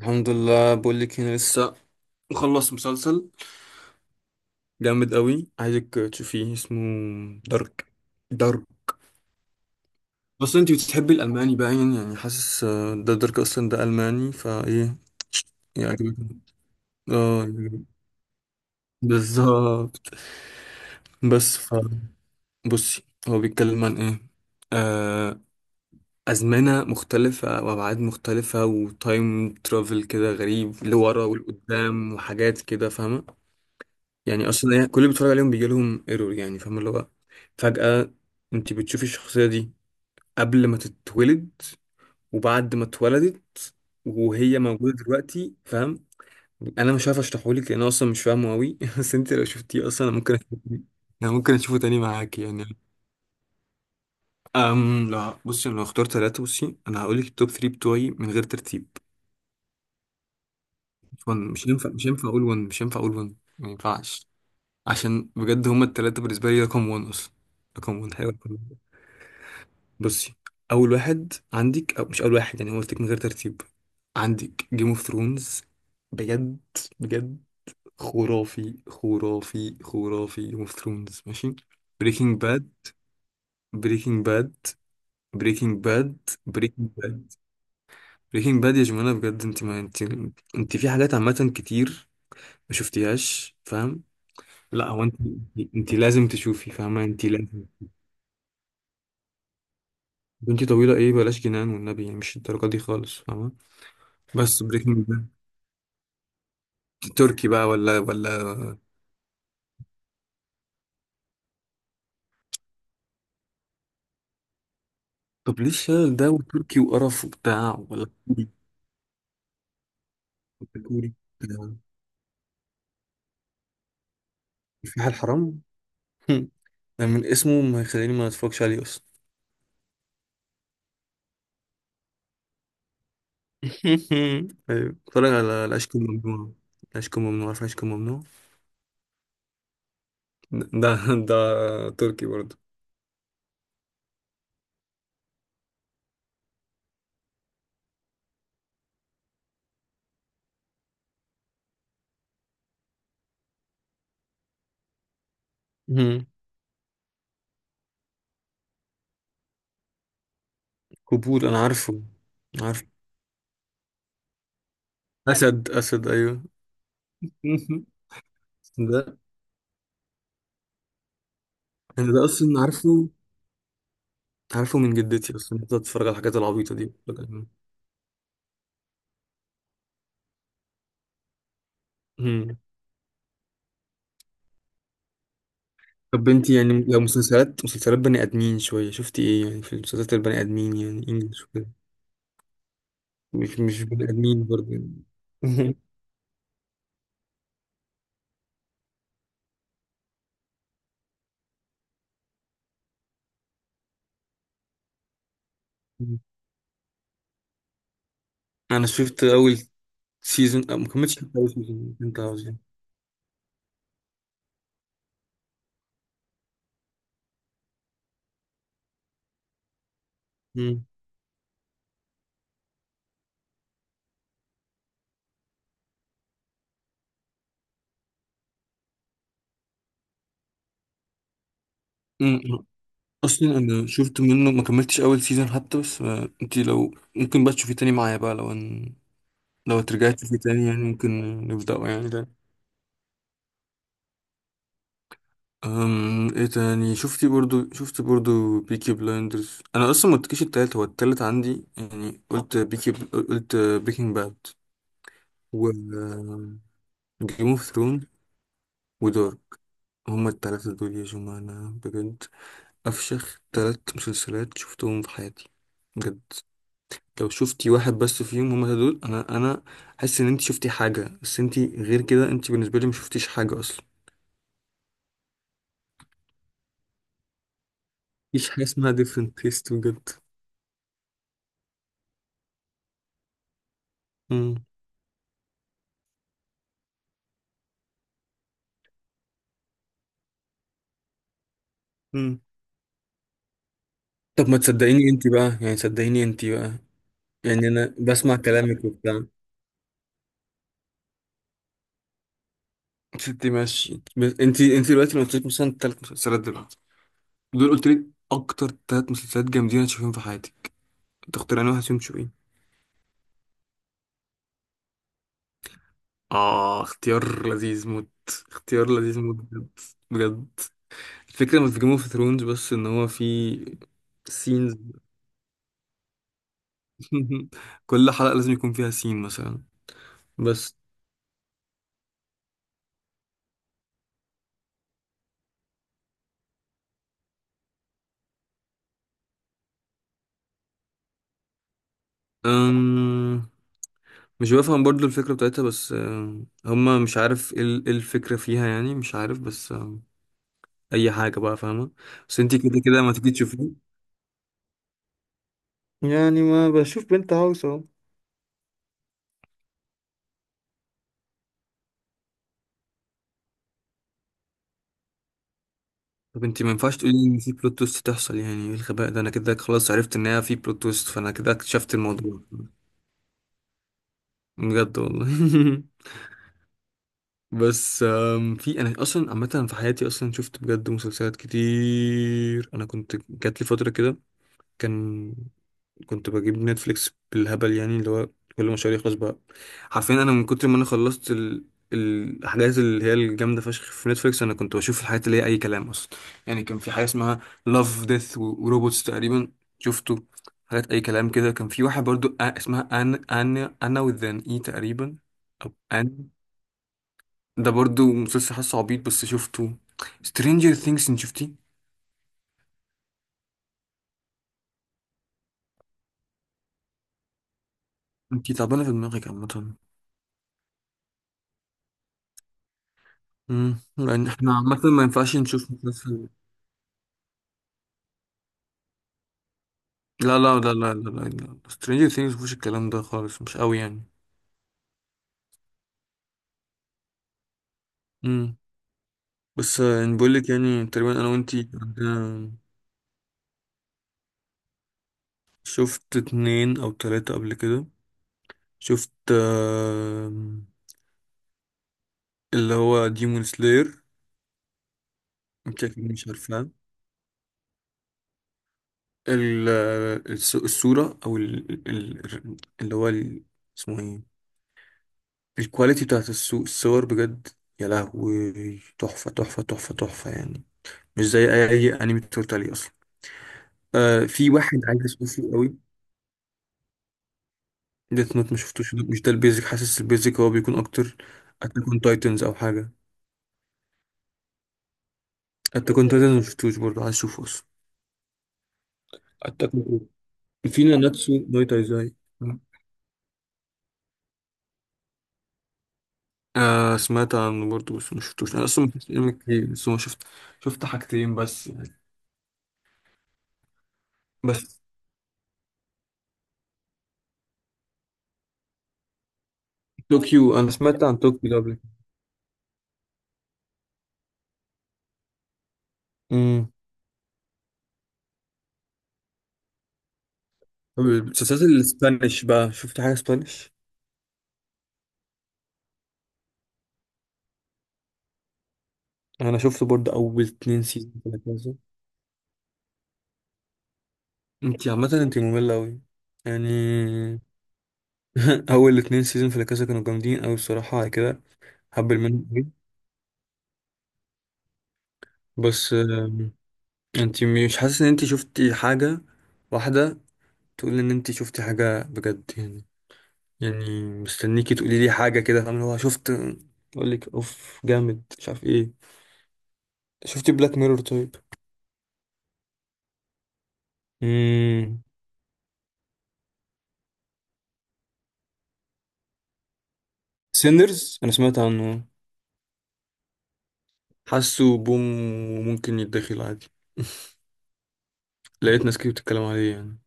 الحمد لله، بقول لك انا لسه مخلص مسلسل جامد قوي، عايزك تشوفيه. اسمه دارك دارك. بس انت بتحبي الالماني باين. يعني حاسس ده دارك اصلا، ده الماني. فايه يعجبك؟ اه يعجبك. بالظبط. بس بصي، هو بيتكلم عن ايه؟ آه ازمنه مختلفه وابعاد مختلفه وتايم ترافل كده غريب، لورا ولقدام وحاجات كده فاهمه. يعني اصلا كل اللي بيتفرج عليهم بيجي لهم ايرور، يعني فاهم اللي هو فجأة انت بتشوفي الشخصية دي قبل ما تتولد، وبعد ما اتولدت، وهي موجودة دلوقتي، فاهم. انا مش عارف اشرحهولك لان أنا اصلا مش فاهمه قوي بس انت لو شفتيه اصلا، انا ممكن اشوفه تاني معاك يعني. لا بصي، انا لو اخترت ثلاثة، بصي انا هقول لك التوب 3 بتوعي من غير ترتيب. مش one مش هينفع مش هينفع اقول 1 مش هينفع اقول 1، ما ينفعش. عشان بجد هما الثلاثة بالنسبة لي رقم 1 اصلا. رقم 1 حلو. بصي، اول واحد عندك، او مش اول واحد يعني، أنا قلت لك من غير ترتيب، عندك جيم اوف ثرونز. بجد بجد خرافي. جيم اوف ثرونز ماشي. بريكنج باد بريكنج باد بريكنج باد. بريكنج باد. بريكنج باد يا جماعه بجد. انت ما انت انت في حاجات عامه كتير ما شفتيهاش، فاهم. لا هو انت، انت لازم تشوفي، فاهمه، انت لازم. بنتي طويله ايه؟ بلاش جنان والنبي يعني، مش الدرجه دي خالص، فاهمه. بس بريكنج باد تركي بقى؟ ولا طب ليه الشلل ده، وتركي وقرف وبتاع؟ ولا كوري؟ ولا كوري؟ ده الفلاح الحرام. هم. ده من اسمه ما يخليني ما اتفرجش عليه اصلا. ايوه، اتفرج على العشق الممنوع. العشق الممنوع، عارف العشق الممنوع؟ ده ده تركي برضه. هم. قبول انا عارفه. عارف، اسد ايوه. ده انا ده اصلا عارفه. عارفه من جدتي اصلا، كنت اتفرج على الحاجات العبيطه دي. مم. طب انت يعني لو مسلسلات بني ادمين شويه، شفتي ايه؟ يعني في مسلسلات البني ادمين يعني، انجلش وكده. مش بني ادمين برضه يعني. انا شفت اول سيزون، ما كملتش حتى اول سيزون. انت عاوز يعني. مم. مم. اصلا انا شفت منه ما كملتش اول سيزون حتى. بس انت لو ممكن بقى تشوفيه تاني معايا بقى، لو ان... لو ترجعي تشوفيه تاني يعني، ممكن نبدأه يعني. ايه تاني شفتي برضو؟ شفت برضو بيكي بلايندرز. انا اصلا ما قلتلكيش التالت. هو التالت عندي يعني، قلت بيكي، قلت بريكنج باد، و جيم اوف ثرون ودارك. هما التلاتة دول يا جماعة، أنا بجد أفشخ تلات مسلسلات شفتهم في حياتي بجد. لو شفتي واحد بس فيهم، هما التلاتة دول، أنا حاسس إن أنت شفتي حاجة، بس أنت غير كده أنت بالنسبة لي مشفتيش حاجة أصلا. مفيش حاجة اسمها different taste بجد. مم. مم. طب ما تصدقيني انت بقى يعني، صدقيني انت بقى، يعني انا بسمع كلامك وبتاع. ستي ماشي. بس انت دلوقتي لو قلت لك مثلا ثلاث مسلسلات دلوقتي دول، قلت لي اكتر ثلاث مسلسلات جامدين هتشوفيهم في حياتك، تختار انا واحد فيهم تشوفين. اه، اختيار لذيذ موت. اختيار لذيذ موت بجد. بجد الفكره مش في جيم اوف ثرونز بس، ان هو في سينز. كل حلقه لازم يكون فيها سين مثلا. بس أم... مش بفهم برضو الفكرة بتاعتها، بس هما مش عارف ايه إيه الفكرة فيها يعني، مش عارف. بس أي حاجة بقى فاهمة. بس انتي كده كده ما تيجي تشوفيه، يعني ما بشوف بنت هاوس اهو. طب انتي ما ينفعش تقولي ان في بلوت تويست تحصل، يعني ايه الغباء ده؟ انا كده خلاص عرفت ان هي في بلوت تويست، فانا كده اكتشفت الموضوع. بجد والله. بس في انا اصلا عامه في حياتي اصلا شفت بجد مسلسلات كتير. انا كنت جات لي فتره كده، كان كنت بجيب نتفليكس بالهبل، يعني اللي هو كل ما شهر يخلص بقى، حرفيا انا من كتر ما انا خلصت الاحداث اللي هي الجامده فشخ في نتفليكس، انا كنت بشوف الحاجات اللي هي اي كلام اصلا. يعني كان في حاجه اسمها لاف ديث وروبوتس تقريبا، شفته. حاجات اي كلام كده. كان في واحد برضو اسمها ان انا وذان اي تقريبا، او ان. ده برضو مسلسل حاسه عبيط بس شفته. سترينجر ثينجز انت شفتيه؟ انت تعبانه في دماغك عامه. امم، لان احنا عامه ما ينفعش نشوف مسلسل. لا سترينجر ثينجز مفيش الكلام ده خالص، مش قوي يعني. امم. بس يعني بقول لك يعني تقريبا انا وانتي عندنا- شفت اتنين او تلاتة قبل كده. شفت اللي هو ديمون سلاير. انت أكيد مش عارفاه. ال- الصورة او اللي هو اسمه ايه، الكواليتي بتاعت الصور بجد، يا لهوي. تحفة يعني، مش زي اي انمي اتفرجت عليه اصلا. آه، في واحد عايز اشوفه قوي، ديث نوت، ما شفتوش. مش ده البيزك، حاسس البيزك هو بيكون اكتر اتاك اون تايتنز او حاجه. اتاك اون تايتنز ما شفتوش برضه، عايز اشوفه اصلا. اتاك اون تايتنز. في ناناتسو نو تايزاي. آه، سمعت عنه برضه بس ما شفتوش. انا اصلا ما شفتش انمي كتير، بس ما شفت شفت حاجتين بس. بس طوكيو، انا سمعت عن طوكيو ده قبل كده. امم. طب المسلسلات الاسبانيش بقى، شفت حاجه اسبانيش؟ انا شفت برضه اول اتنين سيزون كده كده. انت عامه انت ممله قوي يعني. اول اتنين سيزون في لاكاسا كانوا جامدين اوي الصراحه على كده. هبل منهم أوي. بس انت مش حاسس ان انت شفتي حاجه واحده، تقول ان انت شفتي حاجه بجد يعني؟ يعني مستنيكي تقولي لي حاجه كده، فاهم اللي هو شفت، اقول لك اوف جامد مش عارف ايه. شفتي بلاك ميرور طيب؟ امم. سيندرز، انا سمعت عنه. حاسه بوم، وممكن يتدخل عادي. لقيت ناس كتير بتتكلم عليه يعني.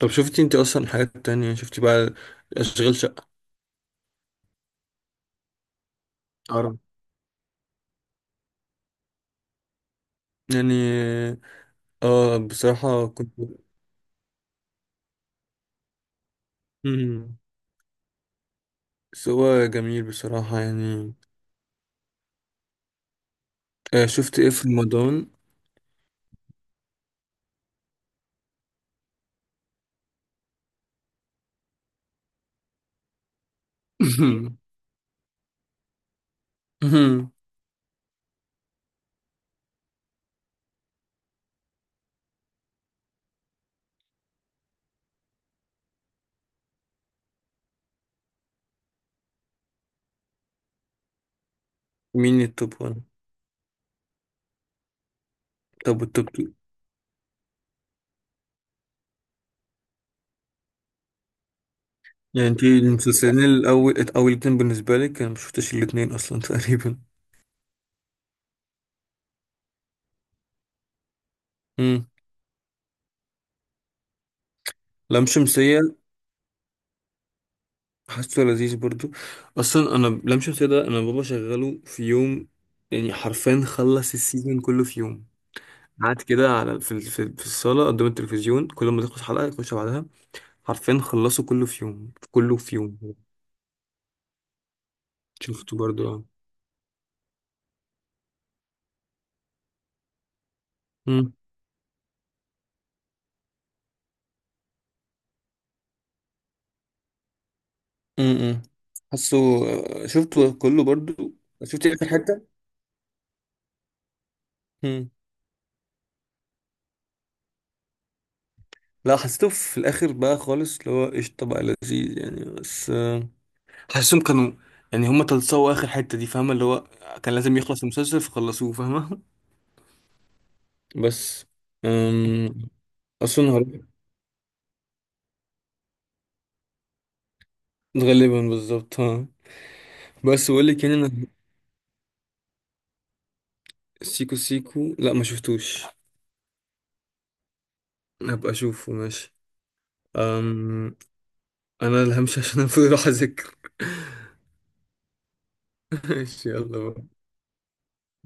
طب شفتي انت اصلا حاجات تانية، شفتي بقى اشغال شقة؟ يعني اه بصراحة كنت. مم. بس هو جميل بصراحة يعني. آه، شفت ايه في رمضان؟ مين التوب وان؟ طب والتوب تو؟ يعني انت المسلسلين الأول، أول اتنين بالنسبة لك، أنا مشفتش الاتنين أصلا تقريبا. مم. لام شمسية. حاسه لذيذ برضو. أصلا أنا لام شمسية ده، أنا بابا شغله في يوم، يعني حرفيا خلص السيزون كله في يوم. قعد كده على في الصالة قدام التلفزيون، كل ما تخلص حلقة يخش بعدها. عارفين خلصوا كله في يوم، كله في يوم. شفته برضو اه. مم. امم. حاسه. آه، شفته كله برضو. شفت اخر حته. امم. لا حسيته في الاخر بقى خالص، اللي هو قشطه بقى لذيذ يعني. بس حاسسهم كانوا يعني هما تلصقوا اخر حتة دي، فاهمة، اللي هو كان لازم يخلص المسلسل فخلصوه، فاهمة. بس أم... اصلا هروح غالبا بالظبط ها. بس بقول لك يعني انا. سيكو سيكو لا ما شفتوش. هبقى اشوفه ماشي. أم... انا اللي همشي عشان افضل اروح اذاكر. ماشي يلا بقى.